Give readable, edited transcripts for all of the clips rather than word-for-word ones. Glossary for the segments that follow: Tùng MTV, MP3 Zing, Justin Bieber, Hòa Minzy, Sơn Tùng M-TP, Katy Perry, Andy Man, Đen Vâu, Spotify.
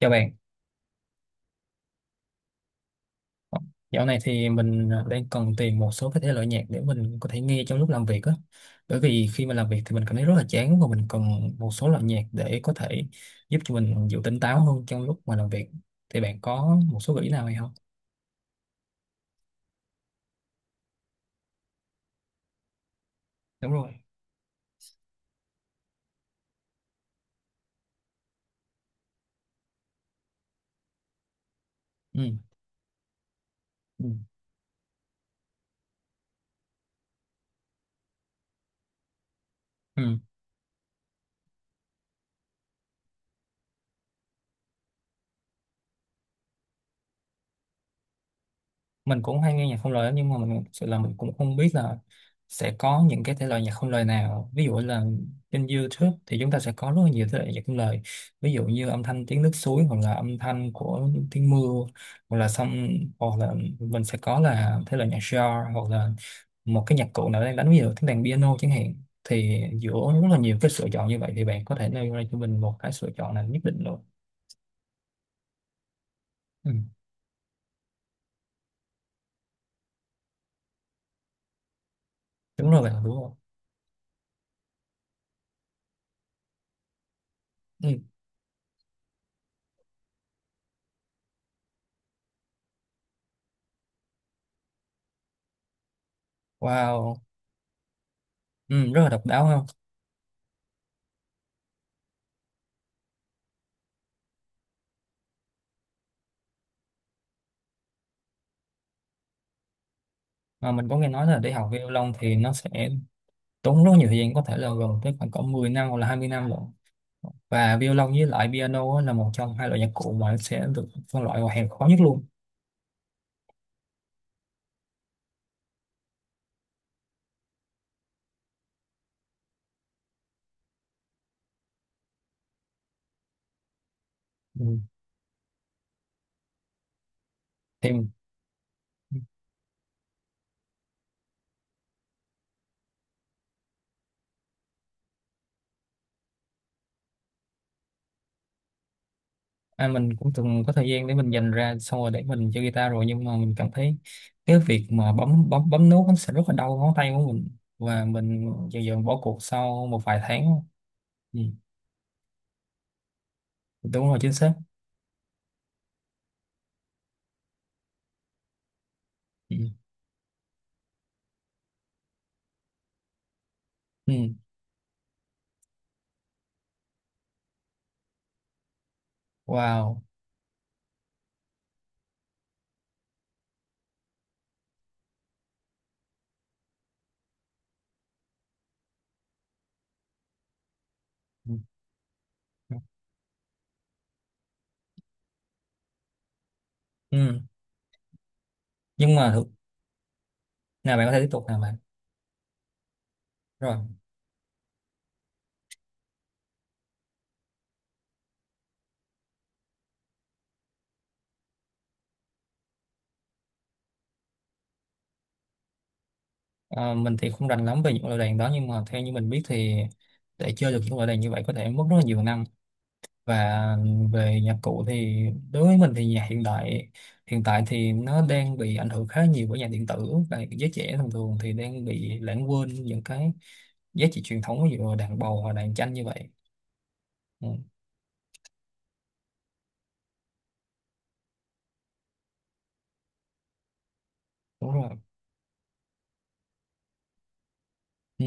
Chào bạn, dạo này thì mình đang cần tìm một số cái thể loại nhạc để mình có thể nghe trong lúc làm việc á. Bởi vì khi mà làm việc thì mình cảm thấy rất là chán và mình cần một số loại nhạc để có thể giúp cho mình giữ tỉnh táo hơn trong lúc mà làm việc. Thì bạn có một số gợi ý nào hay không? Đúng rồi. Ừ. Ừ. Ừ. Mình cũng hay nghe nhạc không lời lắm, nhưng mà mình sự là mình cũng không biết là sẽ có những cái thể loại nhạc không lời nào, ví dụ là trên YouTube thì chúng ta sẽ có rất là nhiều thể loại nhạc không lời, ví dụ như âm thanh tiếng nước suối hoặc là âm thanh của tiếng mưa, hoặc là xong, hoặc là mình sẽ có là thể loại nhạc jazz, hoặc là một cái nhạc cụ nào đang đánh, ví dụ tiếng đàn piano chẳng hạn. Thì giữa rất là nhiều cái lựa chọn như vậy thì bạn có thể nêu ra cho mình một cái lựa chọn nào nhất định luôn? Ừ. Đúng rồi bạn, đúng rồi. Ừ. Wow. Ừ, rất là độc đáo không? Mà mình có nghe nói là để học violon thì nó sẽ tốn rất nhiều thời gian, có thể là gần tới khoảng cỡ 10 năm hoặc là 20 năm rồi. Và violon với lại piano á là một trong hai loại nhạc cụ mà sẽ được phân loại vào hàng khó nhất luôn. Ừ. Thì mình cũng từng có thời gian để mình dành ra xong rồi để mình chơi guitar rồi, nhưng mà mình cảm thấy cái việc mà bấm bấm bấm nốt nó sẽ rất là đau ngón tay của mình, và mình dần dần bỏ cuộc sau một vài tháng. Ừ. Đúng rồi, chính xác. Ừ. Ừ. Wow. Ừ. Ừ. Nhưng mà nào bạn có thể tiếp tục nào? Rồi. Mình thì không rành lắm về những loại đàn đó, nhưng mà theo như mình biết thì để chơi được những loại đàn như vậy có thể mất rất là nhiều năm. Và về nhạc cụ thì đối với mình thì nhạc hiện đại hiện tại thì nó đang bị ảnh hưởng khá nhiều bởi nhạc điện tử, và giới trẻ thường thường thì đang bị lãng quên những cái giá trị truyền thống, ví dụ là đàn bầu hoặc đàn tranh như vậy. Ừ, đúng rồi. Ừ.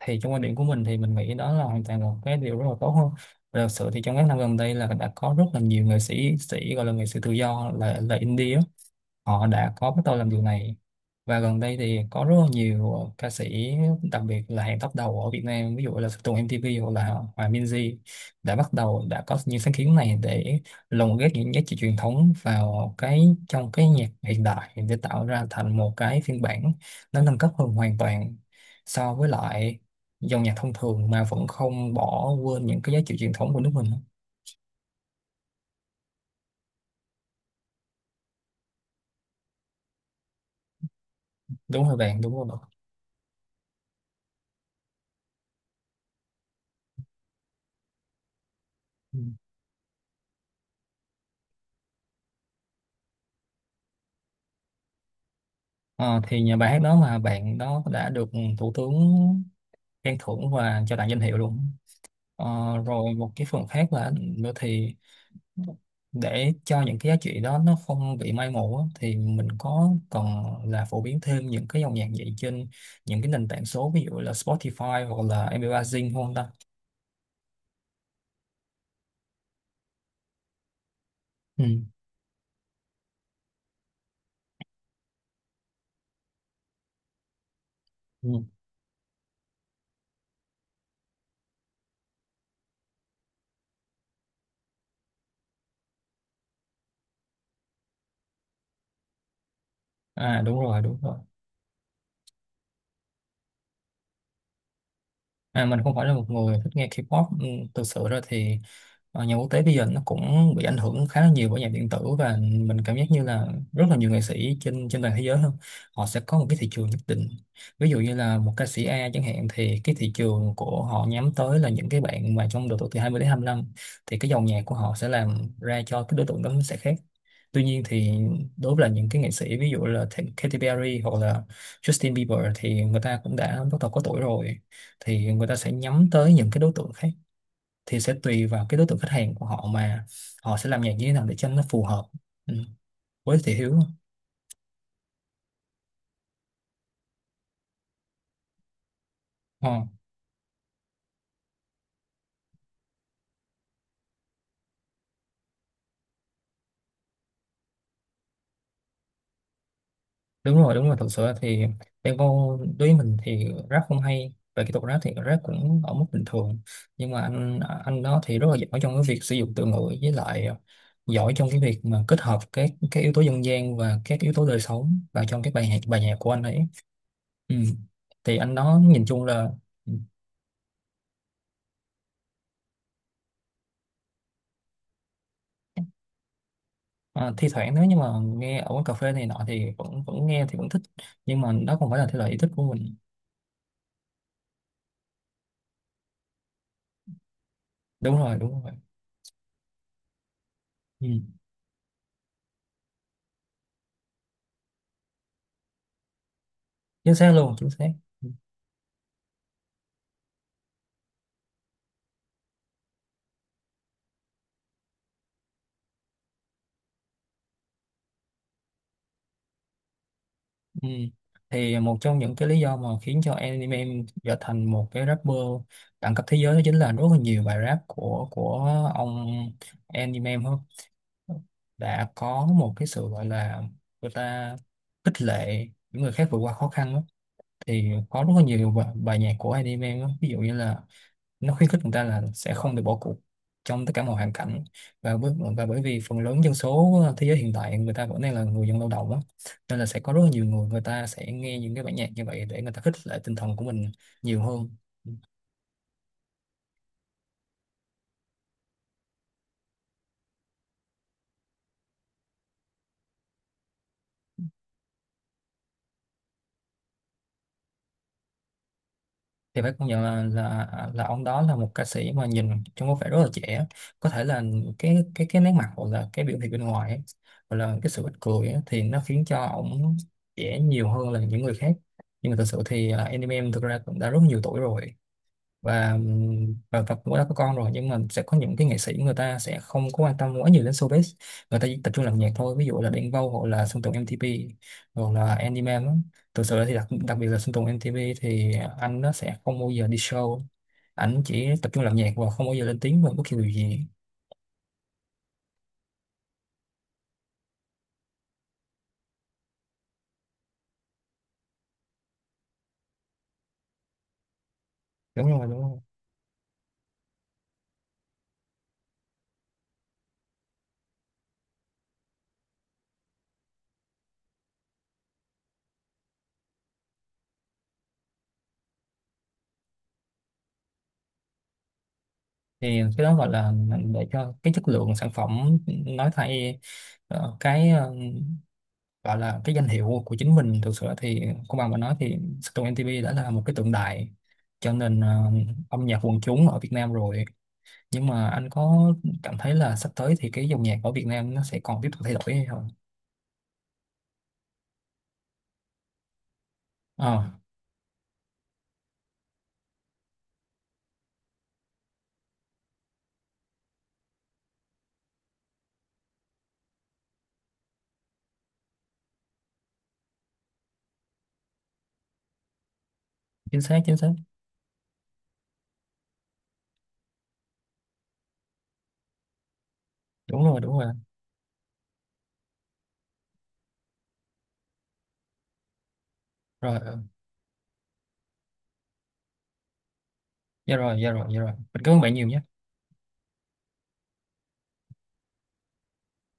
Thì trong quan điểm của mình thì mình nghĩ đó là hoàn toàn một cái điều rất là tốt hơn. Và thật sự thì trong các năm gần đây là đã có rất là nhiều nghệ sĩ sĩ, gọi là nghệ sĩ tự do, là indie á, họ đã có bắt đầu làm điều này. Và gần đây thì có rất là nhiều ca sĩ, đặc biệt là hàng top đầu ở Việt Nam, ví dụ là Tùng MTV hoặc là Hòa Minzy, đã bắt đầu, đã có những sáng kiến này để lồng ghép những giá trị truyền thống vào cái trong cái nhạc hiện đại để tạo ra thành một cái phiên bản nó nâng cấp hơn hoàn toàn so với lại dòng nhạc thông thường mà vẫn không bỏ quên những cái giá trị truyền thống của nước mình. Đúng rồi bạn, đúng rồi bạn. Ờ, thì nhà bài hát đó mà bạn đó đã được thủ tướng khen thưởng và cho tặng danh hiệu luôn. Ờ, rồi một cái phần khác là nữa thì để cho những cái giá trị đó nó không bị mai một á, thì mình có cần là phổ biến thêm những cái dòng nhạc vậy trên những cái nền tảng số, ví dụ là Spotify hoặc là MP3 Zing không ta? Ừ. Ừ. À đúng rồi, đúng rồi. À, mình không phải là một người thích nghe K-pop. Ừ, thực sự ra thì nhà quốc tế bây giờ nó cũng bị ảnh hưởng khá là nhiều bởi nhạc điện tử, và mình cảm giác như là rất là nhiều nghệ sĩ trên trên toàn thế giới hơn, họ sẽ có một cái thị trường nhất định. Ví dụ như là một ca sĩ A chẳng hạn thì cái thị trường của họ nhắm tới là những cái bạn mà trong độ tuổi từ 20 đến 25, thì cái dòng nhạc của họ sẽ làm ra cho cái đối tượng đó nó sẽ khác. Tuy nhiên thì đối với là những cái nghệ sĩ, ví dụ là Katy Perry hoặc là Justin Bieber, thì người ta cũng đã bắt đầu có tuổi rồi, thì người ta sẽ nhắm tới những cái đối tượng khác. Thì sẽ tùy vào cái đối tượng khách hàng của họ mà họ sẽ làm nhạc như thế nào để cho nó phù hợp. Ừ, với thị hiếu. Ờ, đúng rồi đúng rồi, thật sự thì Đen Vâu đối với mình thì rap không hay, về kỹ thuật rap thì rap cũng ở mức bình thường, nhưng mà anh đó thì rất là giỏi trong cái việc sử dụng từ ngữ, với lại giỏi trong cái việc mà kết hợp các yếu tố dân gian và các yếu tố đời sống vào trong cái bài nhạc của anh ấy. Ừ. Thì anh đó nhìn chung là. Ờ, thi thoảng nếu như mà nghe ở quán cà phê này nọ thì vẫn vẫn nghe thì vẫn thích, nhưng mà đó không phải là thể loại yêu thích của mình. Đúng rồi, đúng rồi. Ừ. Chính xác luôn, chính xác. Ừ. Ừ. Thì một trong những cái lý do mà khiến cho anime trở thành một cái rapper đẳng cấp thế giới đó chính là rất là nhiều bài rap của ông anime em hơn đã có một cái sự gọi là người ta khích lệ những người khác vượt qua khó khăn đó. Thì có rất là nhiều bài nhạc của anime đó, ví dụ như là nó khuyến khích người ta là sẽ không được bỏ cuộc trong tất cả mọi hoàn cảnh. và bởi, và bởi vì phần lớn dân số thế giới hiện tại người ta vẫn đang là người dân lao động á, nên là sẽ có rất là nhiều người, người ta sẽ nghe những cái bản nhạc như vậy để người ta khích lệ tinh thần của mình nhiều hơn. Thì phải công nhận là là ông đó là một ca sĩ mà nhìn trông có vẻ rất là trẻ, có thể là cái nét mặt hoặc là cái biểu hiện bên ngoài ấy, hoặc là cái sự ít cười ấy, thì nó khiến cho ông trẻ nhiều hơn là những người khác. Nhưng mà thật sự thì anh em thực ra cũng đã rất nhiều tuổi rồi, và và cũng đã có con rồi, nhưng mà sẽ có những cái nghệ sĩ người ta sẽ không có quan tâm quá nhiều đến showbiz, người ta chỉ tập trung làm nhạc thôi, ví dụ là Đen Vâu hoặc là Sơn Tùng M-TP hoặc là Andy Man á. Thực sự thì đặc biệt là Sơn Tùng M-TP thì anh nó sẽ không bao giờ đi show, ảnh chỉ tập trung làm nhạc và không bao giờ lên tiếng về bất kỳ điều gì. Đúng rồi, đúng rồi. Thì cái đó gọi là để cho cái chất lượng sản phẩm nói thay, cái gọi là cái danh hiệu của chính mình. Thực sự thì công bằng mà nói thì Sơn Tùng MTP đã là một cái tượng đài cho nền âm nhạc quần chúng ở Việt Nam rồi. Nhưng mà anh có cảm thấy là sắp tới thì cái dòng nhạc ở Việt Nam nó sẽ còn tiếp tục thay đổi hay không? Ờ, chính xác chính xác. Đúng rồi, đúng rồi. Rồi. Ờ, dạ rồi, dạ rồi, dạ rồi, mình cảm ơn bạn nhiều nhé.